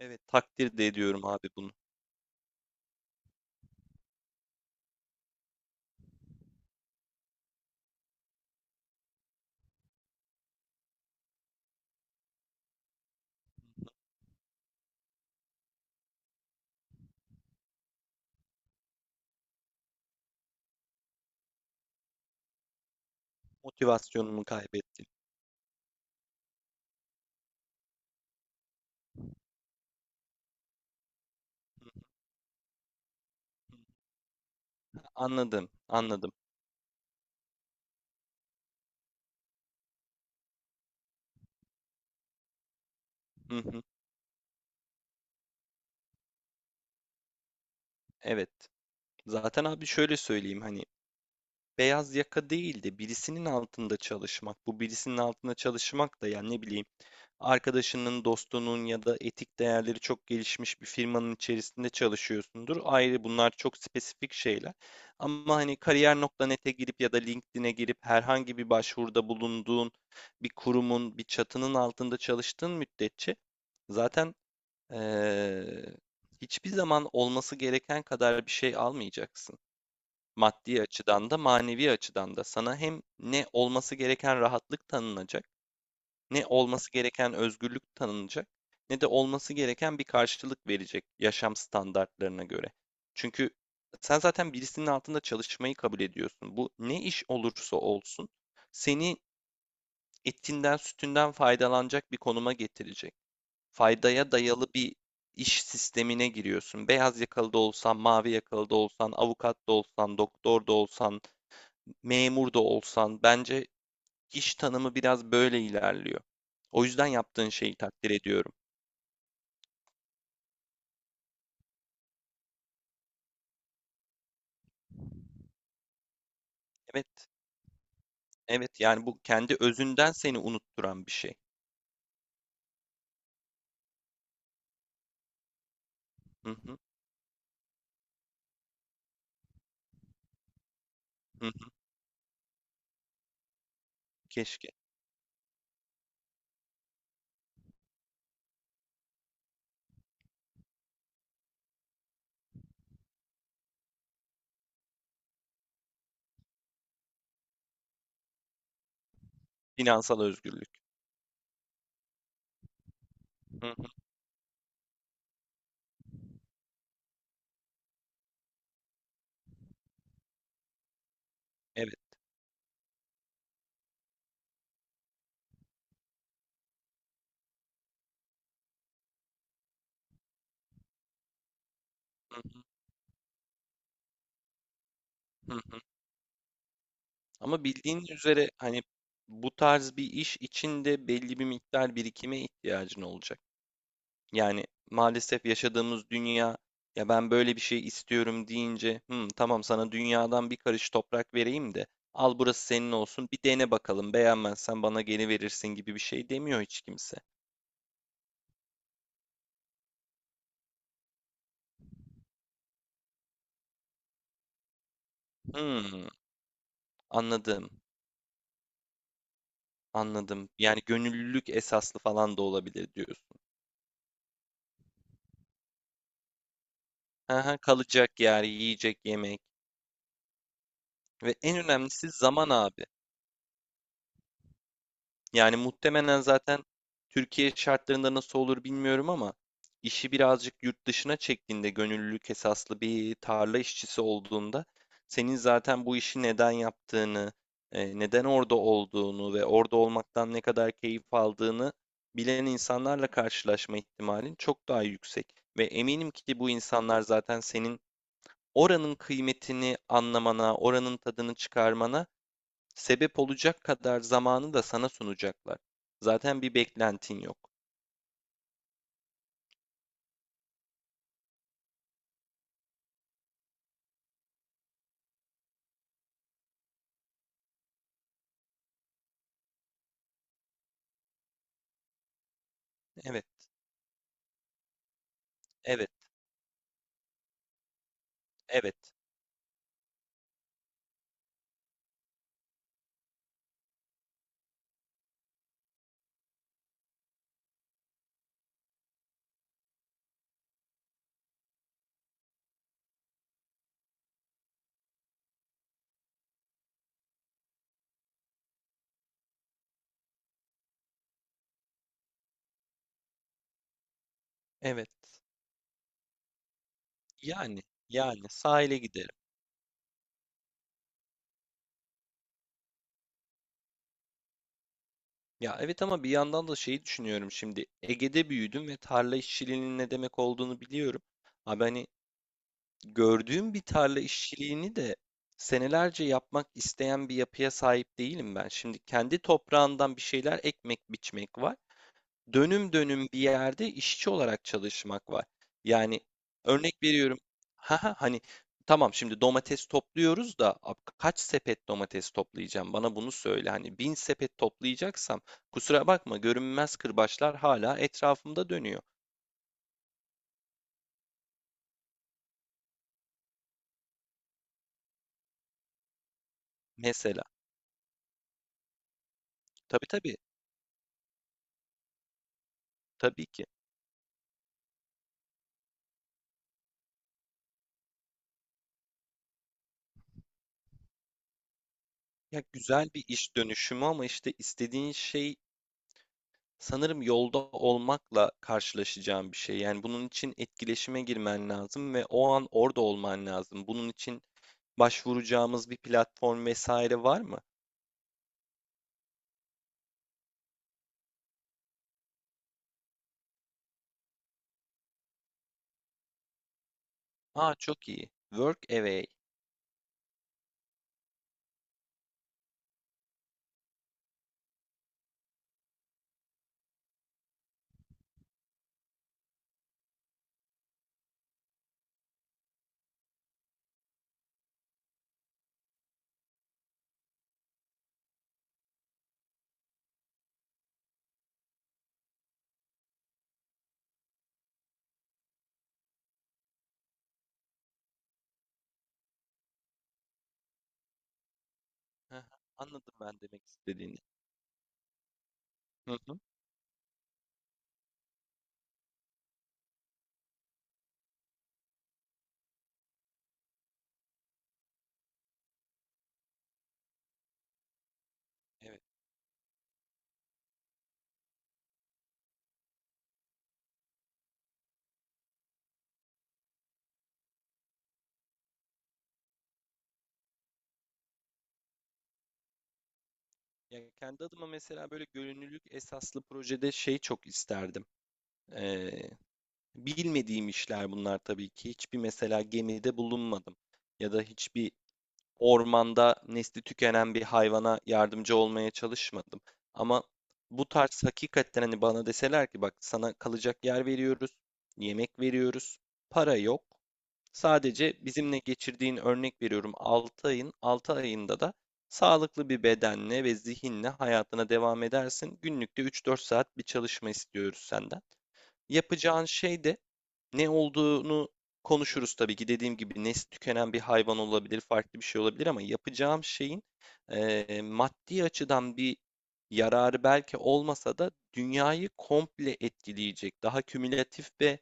Evet, takdir de ediyorum abi bunu. Hı hı. Motivasyonumu kaybettim. Hı hı. Anladım, anladım. Hı hı. Evet. Zaten abi şöyle söyleyeyim, hani beyaz yaka değil de birisinin altında çalışmak. Bu birisinin altında çalışmak da yani ne bileyim, arkadaşının, dostunun ya da etik değerleri çok gelişmiş bir firmanın içerisinde çalışıyorsundur. Ayrı bunlar, çok spesifik şeyler. Ama hani kariyer nokta nete girip ya da LinkedIn'e girip herhangi bir başvuruda bulunduğun bir kurumun, bir çatının altında çalıştığın müddetçe zaten eee, hiçbir zaman olması gereken kadar bir şey almayacaksın. Maddi açıdan da manevi açıdan da sana hem ne olması gereken rahatlık tanınacak, ne olması gereken özgürlük tanınacak, ne de olması gereken bir karşılık verecek yaşam standartlarına göre. Çünkü sen zaten birisinin altında çalışmayı kabul ediyorsun. Bu ne iş olursa olsun seni etinden sütünden faydalanacak bir konuma getirecek. Faydaya dayalı bir iş sistemine giriyorsun. Beyaz yakalı da olsan, mavi yakalı da olsan, avukat da olsan, doktor da olsan, memur da olsan, bence İş tanımı biraz böyle ilerliyor. O yüzden yaptığın şeyi takdir ediyorum. Evet, evet, yani bu kendi özünden seni unutturan bir şey. Hı hı, hı hı, keşke. Finansal özgürlük. Hı hı, evet. Hı hı, hı hı. Ama bildiğiniz üzere hani bu tarz bir iş içinde belli bir miktar birikime ihtiyacın olacak. Yani maalesef yaşadığımız dünya, ya ben böyle bir şey istiyorum deyince, "Hmm, tamam, sana dünyadan bir karış toprak vereyim de al, burası senin olsun, bir dene bakalım, beğenmezsen bana geri verirsin" gibi bir şey demiyor hiç kimse. Hmm, anladım, anladım, yani gönüllülük esaslı falan da olabilir diyorsun. Hı hı, kalacak yer, yiyecek yemek ve en önemlisi zaman abi. Yani muhtemelen zaten Türkiye şartlarında nasıl olur bilmiyorum, ama işi birazcık yurt dışına çektiğinde, gönüllülük esaslı bir tarla işçisi olduğunda, senin zaten bu işi neden yaptığını, neden orada olduğunu ve orada olmaktan ne kadar keyif aldığını bilen insanlarla karşılaşma ihtimalin çok daha yüksek. Ve eminim ki bu insanlar zaten senin oranın kıymetini anlamana, oranın tadını çıkarmana sebep olacak kadar zamanı da sana sunacaklar. Zaten bir beklentin yok. Evet, evet, evet, evet. Yani, yani sahile giderim. Ya evet, ama bir yandan da şeyi düşünüyorum şimdi. Ege'de büyüdüm ve tarla işçiliğinin ne demek olduğunu biliyorum. Abi hani gördüğüm bir tarla işçiliğini de senelerce yapmak isteyen bir yapıya sahip değilim ben. Şimdi kendi toprağından bir şeyler ekmek biçmek var, dönüm dönüm bir yerde işçi olarak çalışmak var. Yani örnek veriyorum. Haha, hani tamam, şimdi domates topluyoruz da kaç sepet domates toplayacağım? Bana bunu söyle. Hani bin sepet toplayacaksam kusura bakma, görünmez kırbaçlar hala etrafımda dönüyor. Mesela. Tabii tabii. Tabii ki. Ya güzel bir iş dönüşümü, ama işte istediğin şey sanırım yolda olmakla karşılaşacağım bir şey. Yani bunun için etkileşime girmen lazım ve o an orada olman lazım. Bunun için başvuracağımız bir platform vesaire var mı? Aa, çok iyi. Workaway. Hı hı, anladım ben demek istediğini. Hı hı. Evet. Ya kendi adıma mesela böyle gönüllülük esaslı projede şey çok isterdim. Ee, bilmediğim işler bunlar tabii ki. Hiçbir, mesela gemide bulunmadım ya da hiçbir ormanda nesli tükenen bir hayvana yardımcı olmaya çalışmadım. Ama bu tarz hakikaten, hani bana deseler ki, bak sana kalacak yer veriyoruz, yemek veriyoruz, para yok. Sadece bizimle geçirdiğin, örnek veriyorum, 6 ayın 6 ayında da sağlıklı bir bedenle ve zihinle hayatına devam edersin. Günlükte 3 4 saat bir çalışma istiyoruz senden. Yapacağın şey de ne olduğunu konuşuruz tabii ki. Dediğim gibi, nesli tükenen bir hayvan olabilir, farklı bir şey olabilir, ama yapacağım şeyin maddi açıdan bir yararı belki olmasa da dünyayı komple etkileyecek, daha kümülatif ve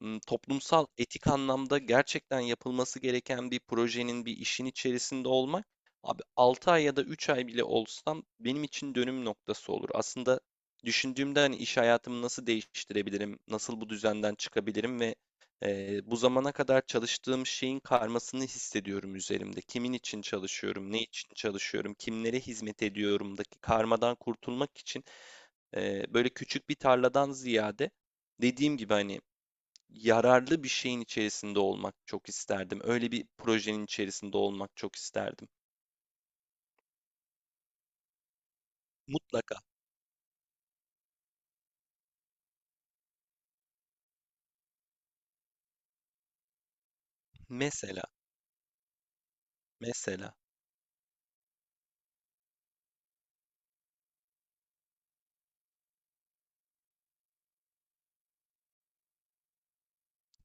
toplumsal etik anlamda gerçekten yapılması gereken bir projenin, bir işin içerisinde olmak, abi 6 ay ya da 3 ay bile olsam benim için dönüm noktası olur. Aslında düşündüğümde, hani iş hayatımı nasıl değiştirebilirim, nasıl bu düzenden çıkabilirim ve bu zamana kadar çalıştığım şeyin karmasını hissediyorum üzerimde. Kimin için çalışıyorum, ne için çalışıyorum, kimlere hizmet ediyorumdaki karmadan kurtulmak için böyle küçük bir tarladan ziyade, dediğim gibi hani yararlı bir şeyin içerisinde olmak çok isterdim. Öyle bir projenin içerisinde olmak çok isterdim. Mutlaka. Mesela, mesela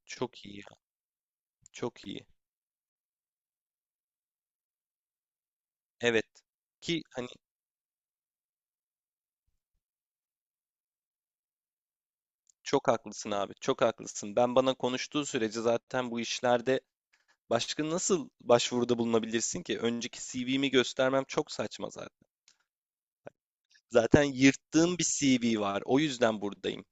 çok iyi ya, çok iyi. Evet. Ki hani çok haklısın abi, çok haklısın. Ben bana konuştuğu sürece zaten bu işlerde başka nasıl başvuruda bulunabilirsin ki? Önceki CV'mi göstermem çok saçma zaten. Zaten yırttığım bir CV var. O yüzden buradayım.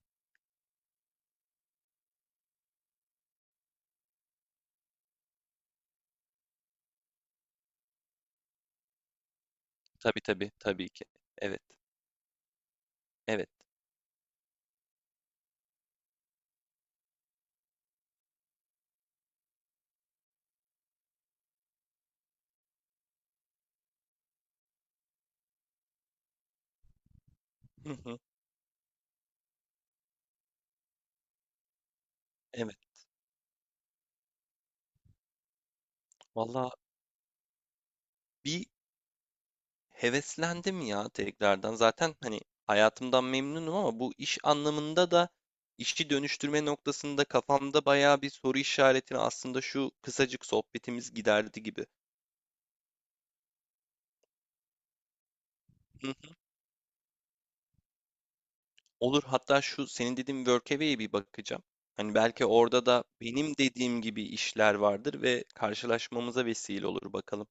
Tabii tabii, tabii ki. Evet, evet. Hı hı, evet. Valla bir heveslendim ya tekrardan. Zaten hani hayatımdan memnunum, ama bu iş anlamında da, işi dönüştürme noktasında kafamda bayağı bir soru işaretini aslında şu kısacık sohbetimiz giderdi gibi. Olur, hatta şu senin dediğin Workaway'e bir bakacağım. Hani belki orada da benim dediğim gibi işler vardır ve karşılaşmamıza vesile olur bakalım.